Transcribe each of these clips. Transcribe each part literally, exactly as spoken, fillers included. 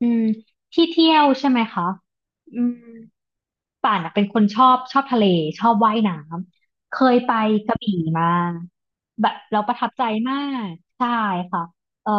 อืมที่เที่ยวใช่ไหมคะอืม ป่านอะเป็นคนชอบชอบทะเลชอบว่ายน้ำเคยไปกระบี่มาแบบเราประทับใจมากใช่ค่ะเอ่อ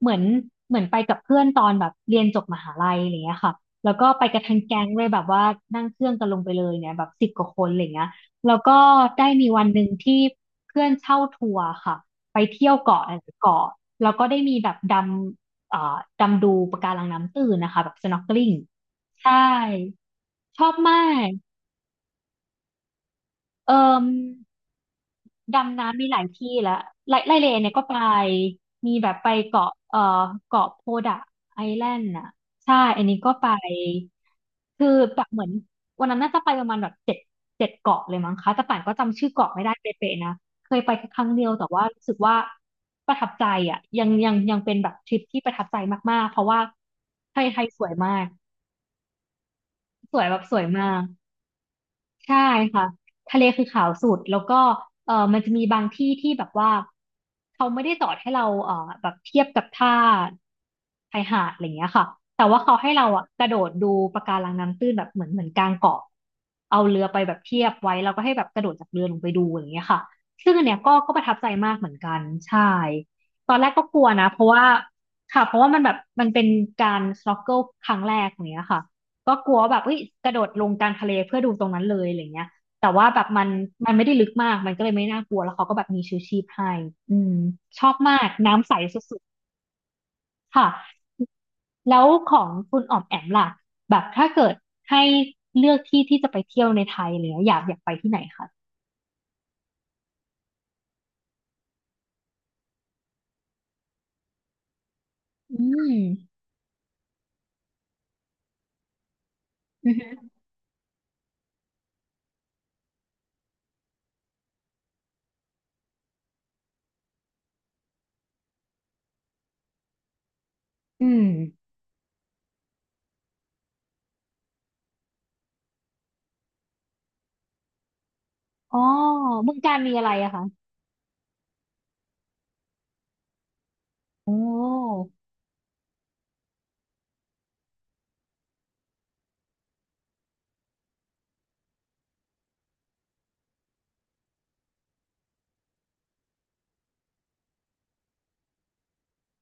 เหมือนเหมือนไปกับเพื่อนตอนแบบเรียนจบมหาลัยอะไรเงี้ยค่ะแล้วก็ไปกันทั้งแก๊งเลยแบบว่านั่งเครื่องกันลงไปเลยเนี่ยแบบสิบกว่าคนอะไรเงี้ยแล้วก็ได้มีวันหนึ่งที่เพื่อนเช่าทัวร์ค่ะไปเที่ยวเกาะหลายๆเกาะแล้วก็ได้มีแบบดำเอ่อดำดูปะการังน้ำตื้นนะคะแบบ snorkeling ใช่ ชอบมากเอ่มดำน้ำมีหลายที่ละไล่ไล่เลเนี่ยก็ไปมีแบบไปเกาะเอ่อเกาะโพดะไอแลนด์อ่ะใช่อันนี้ก็ไปคือแบบเหมือนวันนั้นน่าจะไปประมาณแบบเจ็ดเจ็ดเกาะเลยมั้งคะแต่ป่านก็จำชื่อเกาะไม่ได้เป๊ะๆนะเคยไปแค่ครั้งเดียวแต่ว่ารู้สึกว่าประทับใจอ่ะยังยังยังเป็นแบบทริปที่ประทับใจมากๆเพราะว่าไทยไทยสวยมากสวยแบบสวยมาก ใช่ค่ะทะเลคือขาวสุดแล้วก็เออมันจะมีบางที่ที่แบบว่าเขาไม่ได้สอนให้เราเออแบบเทียบกับท่าชายหาดอะไรอย่างเงี้ยค่ะแต่ว่าเขาให้เราอะกระโดดดูปะการังน้ำตื้นแบบเหมือนเหมือนกลางเกาะเอาเรือไปแบบเทียบไว้แล้วก็ให้แบบกระโดดจากเรือลงไปดูอะไรอย่างเงี้ยค่ะซึ่งอันเนี้ยก็ก็ประทับใจมากเหมือนกันใช่ตอนแรกก็กลัวนะเพราะว่าค่ะเพราะว่ามันแบบมันเป็นการ s n o เ k ิ l ครั้งแรกอย่างเงี้ยค่ะ ก็กลัวแบบเฮ้ยกระโดดลงกลางทะเลเพื่อดูตรงนั้นเลยอะไรเงี้ยแต่ว่าแบบมันมันไม่ได้ลึกมากมันก็เลยไม่น่ากลัวแล้วเขาก็แบบมีชูชีพให้อืมชอบมากน้ำใสสุดๆค่ะแล้วของคุณอ๋อมแอมล่ะแบบถ้าเกิดให้เลือกที่ที่จะไปเที่ยวในไทยเลยอยากอยากไปที่ไหนคะอืมอือฮึอืมอ๋อเมืองการมีอะไรอะคะโอ้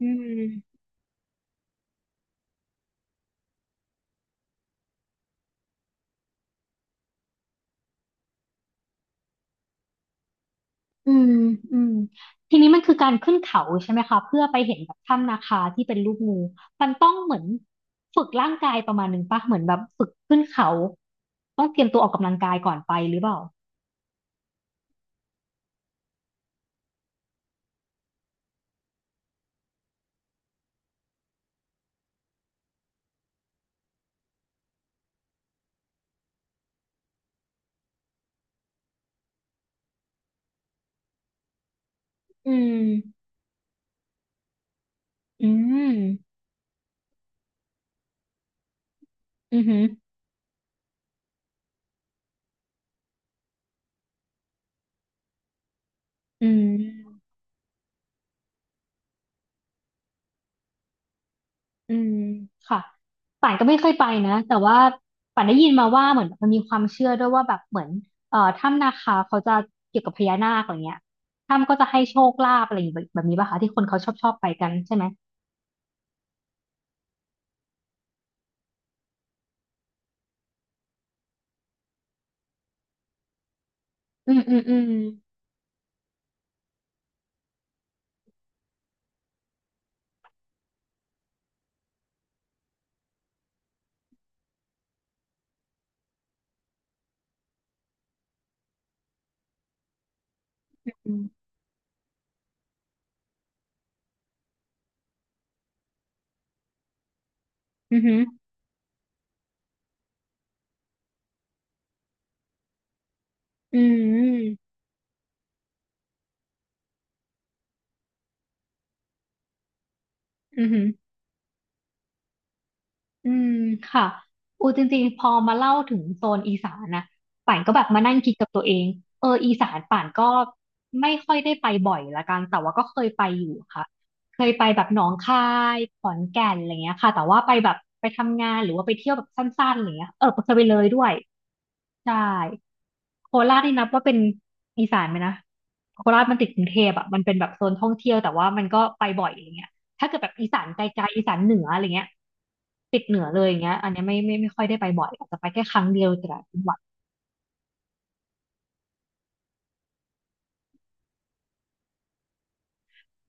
อืม อืมอืมทีนี้มันคือการขึ้นเขาใช่ไหมคะเพื่อไปเห็นแบบถ้ำนาคาที่เป็นรูปงูมันต้องเหมือนฝึกร่างกายประมาณหนึ่งปะเหมือนแบบฝึกขึ้นเขาต้องเตรียมตัวออกกำลังกายก่อนไปหรือเปล่าอืมอืมอือหืออืมอืมค่ะป่านก็ไม่เคยไปนะแต่ว่าป่านได้ยินมาว่าเหมือนมันมีความเชื่อด้วยว่าแบบเหมือนเอ่อถ้ำนาคาเขาจะเกี่ยวกับพญานาคอะไรเงี้ยถ้ำก็จะให้โชคลาภอะไรอย่างแบบแบบนี้ป่ะคะที่คนเขาชอบชอบไปกันใช่ไหม อืมอืมอืมอืมอืมอืมอืมอืม อืมค่ะอูจริงๆพอมาเล่าถึงโซนอีสานนะป่านก็แบบมานั่งคิดกับตัวเองเอออีสานป่านก็ไม่ค่อยได้ไปบ่อยละกันแต่ว่าก็เคยไปอยู่ค่ะเคยไปแบบหนองคายขอนแก่นอะไรเงี้ยค่ะแต่ว่าไปแบบไปทำงานหรือว่าไปเที่ยวแบบสั้นๆอะไรเงี้ยเออเคยไปเลยด้วยใช่โคราชนี่นับว่าเป็นอีสานไหมนะโคราชมันติดกรุงเทพอะมันเป็นแบบโซนท่องเที่ยวแต่ว่ามันก็ไปบ่อยอะไรเงี้ย ถ้าเกิดแบบอีสานไกลๆอีสานเหนืออะไรเงี้ยติดเหนือเลยอย่างเงี้ยอันเนี้ยไม่ไม่ไม่ค่อยได้ไปบ่อยอาจจะไปแค่ครั้งเดียวแต่ละจังหวัด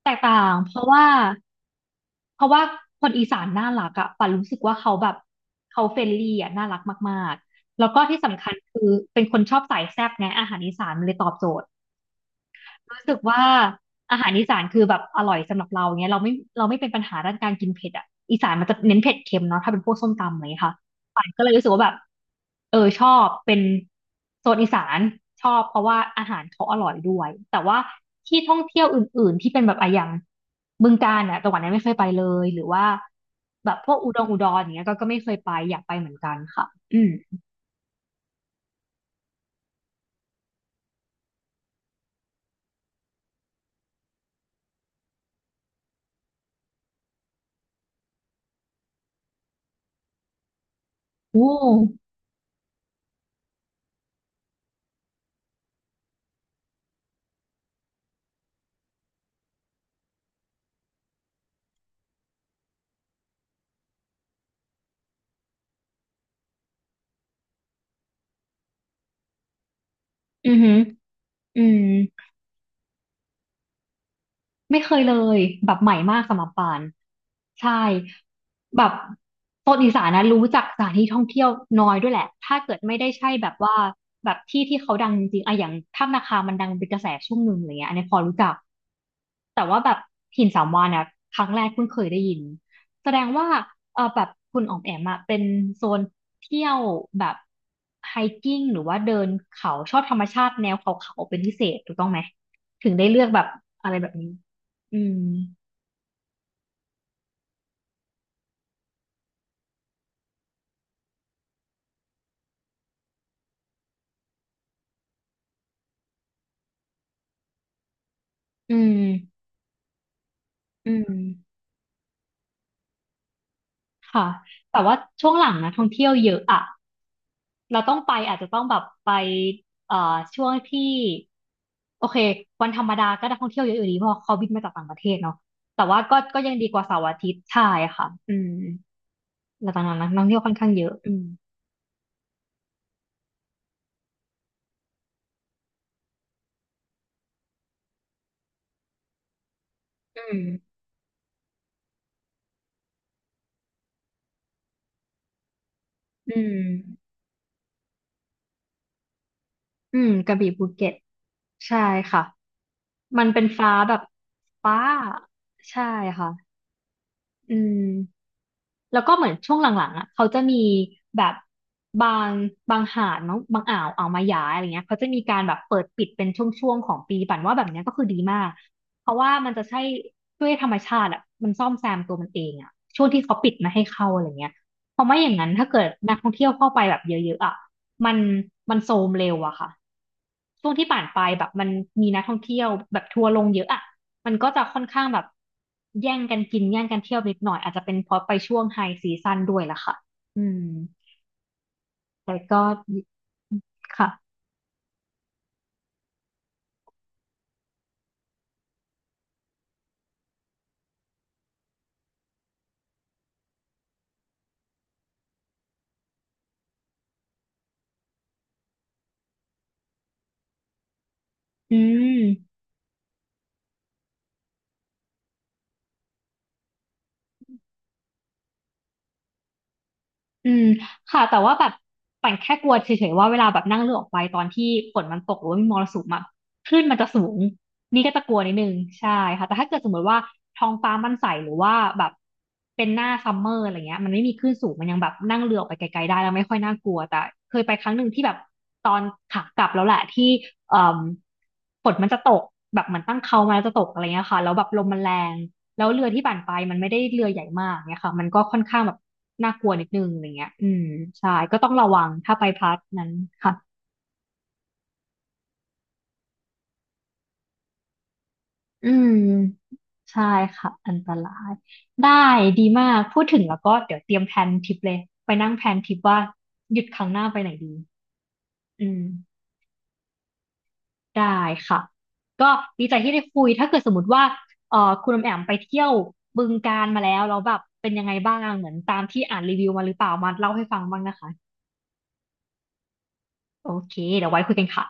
แตกต่างเพราะว่าเพราะว่าคนอีสานน่ารักอะป่นรู้สึกว่าเขาแบบเขาเฟรนลี่อะน่ารักมากๆแล้วก็ที่สำคัญคือเป็นคนชอบสายแซ่บไงอาหารอีสานมันเลยตอบโจทย์ รู้สึกว่าอาหารอีสานคือแบบอร่อยสำหรับเราเงี้ยเราไม่เราไม่เป็นปัญหาด้านการกินเผ็ดอ่ะอีสานมันจะเน้นเผ็ดเค็มเนาะถ้าเป็นพวกส้มตำอะไรเงี้ยค่ะป่านก็เลยรู้สึกว่าแบบเออชอบเป็นโซนอีสานชอบเพราะว่าอาหารเขาอร่อยด้วยแต่ว่าที่ท่องเที่ยวอื่นๆที่เป็นแบบอะอย่างบึงกาฬอ่ะจังหวัดนั้นไม่เคยไปเลยหรือว่าแบบพวกอุดรอุดรอย่างเงี้ยก็ก็ไม่เคยไปอยากไปเหมือนกันค่ะอืมโอ้อือหืออืม ไม่เคยเลยแบบใหม่มากสำหรับปานใช่แบบโซนอีสานนะรู้จักสถานที่ท่องเที่ยวน้อยด้วยแหละถ้าเกิดไม่ได้ใช่แบบว่าแบบที่ที่เขาดังจริงๆอะอย่างถ้ำนาคามันดังเป็นกระแสช่วงหนึ่งอะไรเงี้ยอันนี้พอรู้จักแต่ว่าแบบหินสามวาฬนะครั้งแรกเพิ่งเคยได้ยินแสดงว่าเออแบบคุณอ๋อมแอมอะเป็นโซนเที่ยวแบบไฮกิ้งหรือว่าเดินเขาชอบธรรมชาติแนวเขาๆเป็นพิเศษถูกต้องไหมถึงได้เลือกแบบอะไรแบบนี้ อืม อืมอืมค่ะ แต่ว่าช่วงหลังนะท่องเที่ยวเยอะอะเราต้องไปอาจจะต้องแบบไปเอ่อช่วงที่โอเควันธรรมดาก็ได้ท่องเที่ยวเยอะอยู่ดีเพราะเขาบินมาจากต่างประเทศเนาะแต่ว่าก็ก็ยังดีกว่าเสาร์อาทิตย์ใช่ค่ะอืมแล้วตอนนั้นนะนักท่องเที่ยวค่อนข้างเยอะอืมอืมอืมอืมกระบี่ภูเก็ตใช่ค่ะ มันเป็นฟ้าแบบฟ้าใช่ค่ะอืม แล้วก็เหมือนช่วงหลังๆอ่ะเขาจะมีแบบบางบางหาดมั้งบางอ่าวอ่าวมายาอะไรเงี้ยเขาจะมีการแบบเปิดปิดเป็นช่วงๆของปีปั่นว่าแบบเนี้ยก็คือดีมากเพราะว่ามันจะใช่ด้วยธรรมชาติอ่ะมันซ่อมแซมตัวมันเองอ่ะช่วงที่เขาปิดไมาให้เข้าอะไรเงี้ยเพราะไม่อย่างนั้นถ้าเกิดนักท่องเที่ยวเข้าไปแบบเยอะๆอ่ะมันมันโทรมเร็วอะค่ะช่วงที่ผ่านไปแบบมันมีนักท่องเที่ยวแบบทัวร์ลงเยอะอะ มันก็จะค่อนข้างแบบแย่งกันกินแย่งกันเที่ยวนิดหน่อยอาจจะเป็นเพราะไปช่วงไฮซีซั่นด้วยล่ะค่ะอืมแต่ก็ค่ะอืม อืมค่ะแต่ว่าแบบปั่นแค่กลัวเฉยๆว่าเวลาแบบนั่งเรือออกไปตอนที่ฝนมันตกหรือว่ามีมรสุมอะคลื่นมันจะสูงนี่ก็จะกลัวนิดนึงใช่ค่ะแต่ถ้าเกิดสมมติว่าท้องฟ้ามันใสหรือว่าแบบเป็นหน้าซัมเมอร์อะไรเงี้ยมันไม่มีคลื่นสูงมันยังแบบนั่งเรือออกไปไกลๆได้แล้วไม่ค่อยน่ากลัวแต่เคยไปครั้งหนึ่งที่แบบตอนขากลับแล้วแหละที่เอ่อฝนมันจะตกแบบเหมือนตั้งเขามาแล้วจะตกอะไรเงี้ยค่ะแล้วแบบลมมันแรง แล้วเรือที่ปั่นไปมันไม่ได้เรือใหญ่มากเนี่ยค่ะมันก็ค่อนข้างแบบน่ากลัวนิดนึงอะไรเงี้ยอืมใช่ก็ต้องระวังถ้าไปพัทนั้นค่ะอืมใช่ค่ะอันตรายได้ดีมากพูดถึงแล้วก็เดี๋ยวเตรียมแพลนทริปเลยไปนั่งแพลนทริปว่าหยุดครั้งหน้าไปไหนดีอืมได้ค่ะก็ดีใจที่ได้คุยถ้าเกิดสมมติว่าเอ่อคุณอมแอมไปเที่ยวบึงกาฬมาแล้วแล้วแบบเป็นยังไงบ้างเหมือนตามที่อ่านรีวิวมาหรือเปล่ามาเล่าให้ฟังบ้างนะคะโอเคเดี๋ยวไว้คุยกันค่ะ